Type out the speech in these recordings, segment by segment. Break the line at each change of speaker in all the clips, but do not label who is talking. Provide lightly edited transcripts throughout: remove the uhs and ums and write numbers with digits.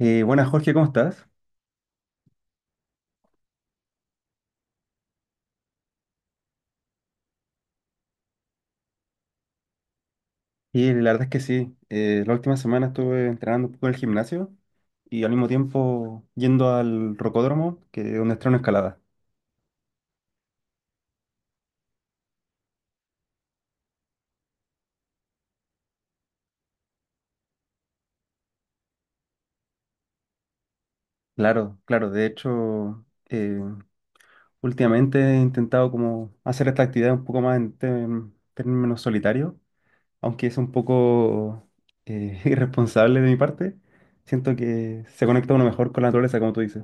Buenas, Jorge, ¿cómo estás? Y la verdad es que sí, la última semana estuve entrenando un poco en el gimnasio y al mismo tiempo yendo al rocódromo, que es donde estreno escalada. Claro, claro, de hecho, últimamente he intentado como hacer esta actividad un poco más en términos solitarios, aunque es un poco irresponsable de mi parte. Siento que se conecta uno mejor con la naturaleza, como tú dices.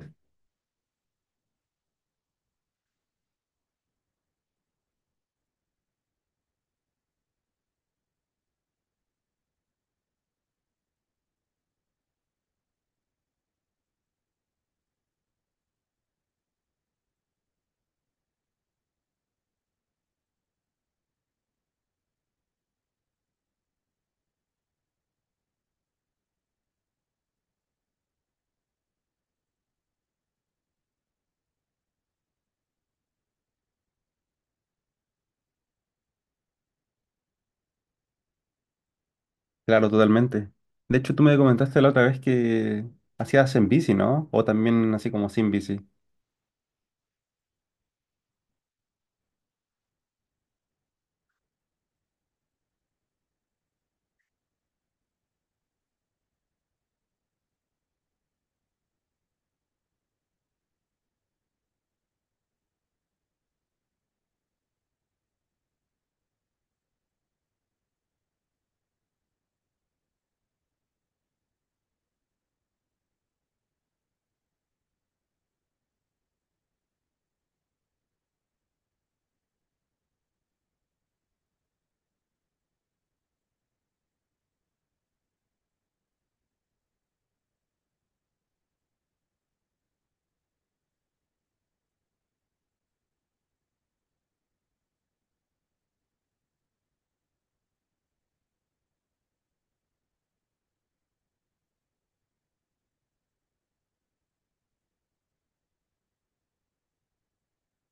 Claro, totalmente. De hecho, tú me comentaste la otra vez que hacías en bici, ¿no? O también así como sin bici.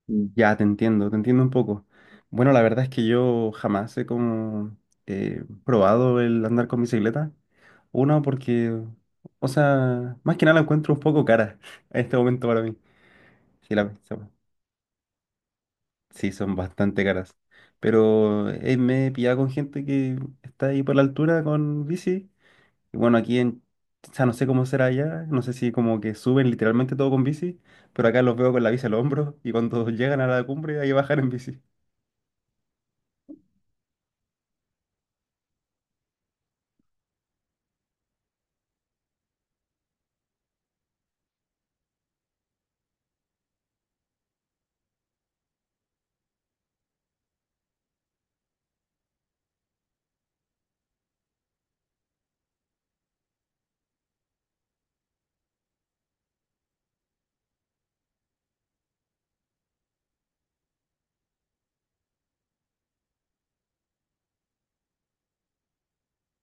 Mm, ya, te entiendo un poco. Bueno, la verdad es que yo jamás he como probado el andar con bicicleta. Uno, porque, o sea, más que nada la encuentro un poco cara en este momento para mí. Sí, la, son, sí, son bastante caras. Pero me he pillado con gente que está ahí por la altura con bici. Y bueno, aquí en, o sea, no sé cómo será allá, no sé si como que suben literalmente todo con bici, pero acá los veo con la bici al hombro y cuando llegan a la cumbre hay que bajar en bici.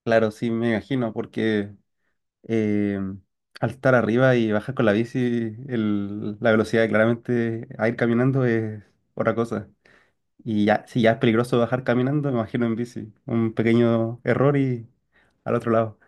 Claro, sí, me imagino, porque eh, al estar arriba y bajar con la bici, la velocidad claramente a ir caminando es otra cosa. Y ya, si ya es peligroso bajar caminando, me imagino en bici. Un pequeño error y al otro lado.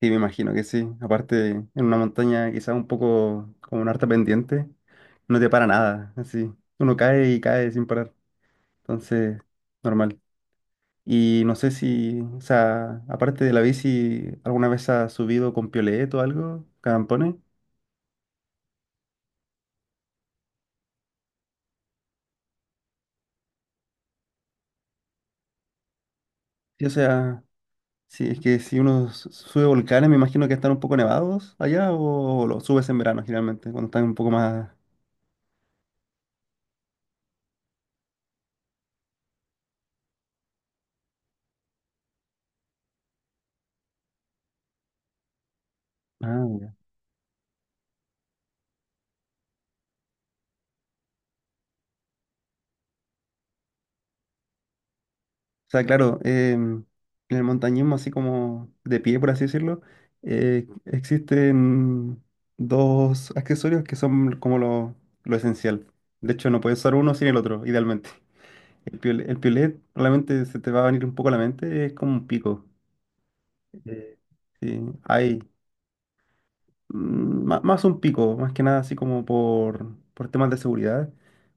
Sí, me imagino que sí. Aparte, en una montaña quizás un poco como una harta pendiente, no te para nada, así. Uno cae y cae sin parar. Entonces, normal. Y no sé si, o sea, aparte de la bici, ¿alguna vez has subido con piolet o algo? ¿Campones? Sí, o sea, sí, es que si uno sube volcanes, me imagino que están un poco nevados allá o lo subes en verano generalmente, cuando están un poco más. Ah, ya. O sea, claro, en el montañismo, así como de pie, por así decirlo, existen dos accesorios que son como lo esencial. De hecho, no puedes usar uno sin el otro, idealmente. El piolet, probablemente se te va a venir un poco a la mente, es como un pico. Eh, sí, hay. Mm, más un pico, más que nada así como por temas de seguridad.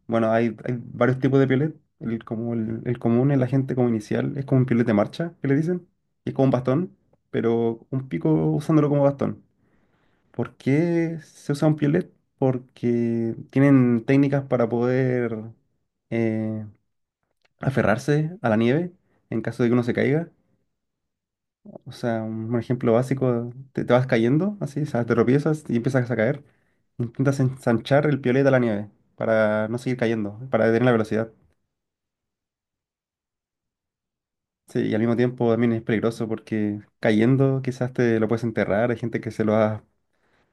Bueno, hay varios tipos de piolet. El, como el común, el agente como inicial, es como un piolet de marcha, que le dicen. Y es como un bastón, pero un pico usándolo como bastón. ¿Por qué se usa un piolet? Porque tienen técnicas para poder eh, aferrarse a la nieve en caso de que uno se caiga. O sea, un ejemplo básico, te vas cayendo así, o sea, te tropiezas y empiezas a caer. Intentas ensanchar el piolet a la nieve para no seguir cayendo, para detener la velocidad. Sí, y al mismo tiempo también es peligroso porque cayendo quizás te lo puedes enterrar. Hay gente que se lo ha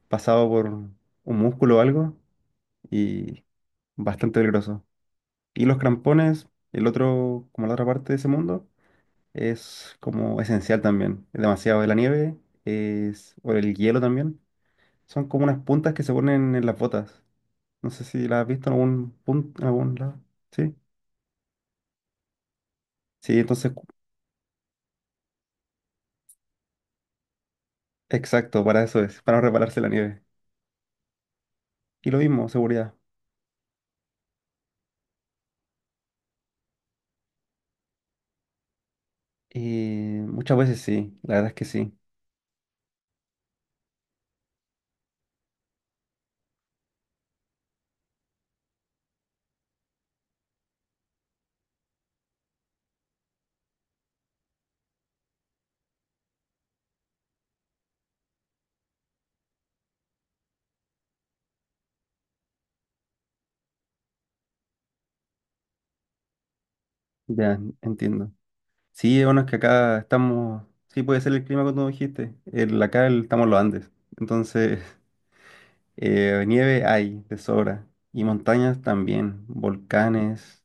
pasado por un músculo o algo y bastante peligroso. Y los crampones, el otro, como la otra parte de ese mundo, es como esencial también. Es demasiado de la nieve, es, o el hielo también. Son como unas puntas que se ponen en las botas. No sé si las has visto en algún punto, en algún lado. Sí. Sí, entonces, exacto, para eso es, para no repararse la nieve. Y lo mismo, seguridad. Muchas veces sí, la verdad es que sí. Ya, entiendo. Sí, bueno, es que acá estamos. Sí, puede ser el clima que tú dijiste. El, acá estamos en los Andes. Entonces, nieve hay, de sobra. Y montañas también, volcanes.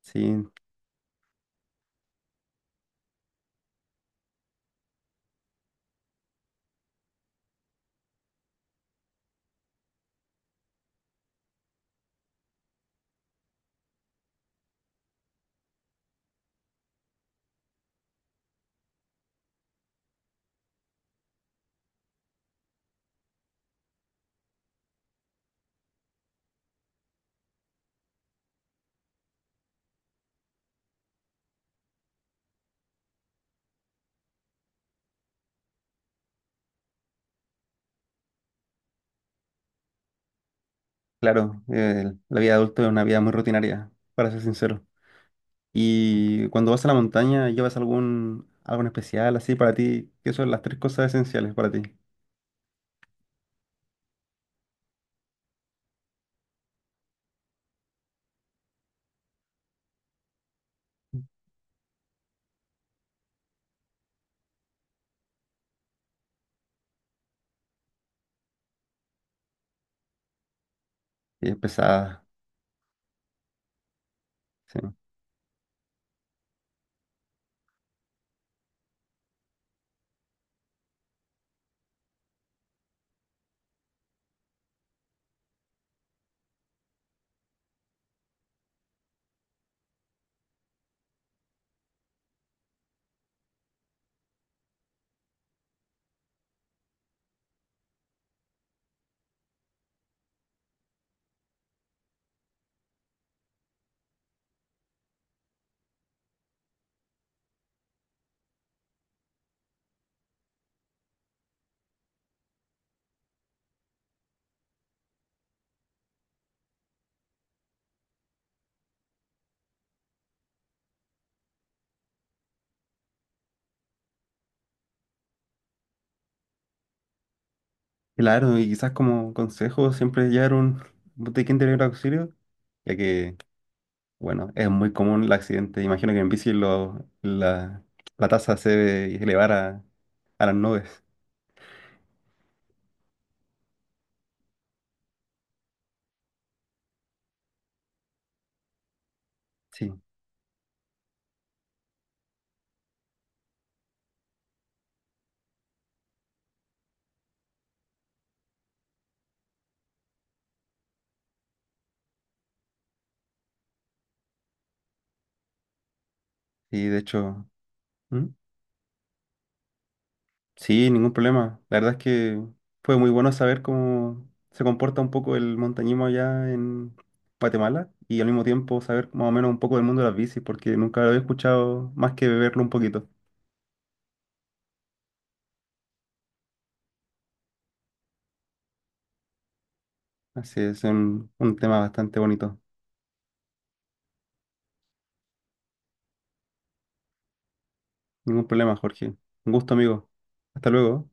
Sí, claro, la vida adulta es una vida muy rutinaria, para ser sincero. Y cuando vas a la montaña, ¿llevas algún, algo en especial así para ti? ¿Qué son las tres cosas esenciales para ti? Y es pesada, sí. Claro, y quizás como consejo, siempre llevar un botiquín de primer auxilio, ya que, bueno, es muy común el accidente. Imagino que en bici la, la tasa se debe elevar a las nubes. Sí, y de hecho. ¿Mm? Sí, ningún problema. La verdad es que fue muy bueno saber cómo se comporta un poco el montañismo allá en Guatemala y al mismo tiempo saber más o menos un poco del mundo de las bicis, porque nunca lo había escuchado más que beberlo un poquito. Así es un tema bastante bonito. Ningún problema, Jorge. Un gusto, amigo. Hasta luego.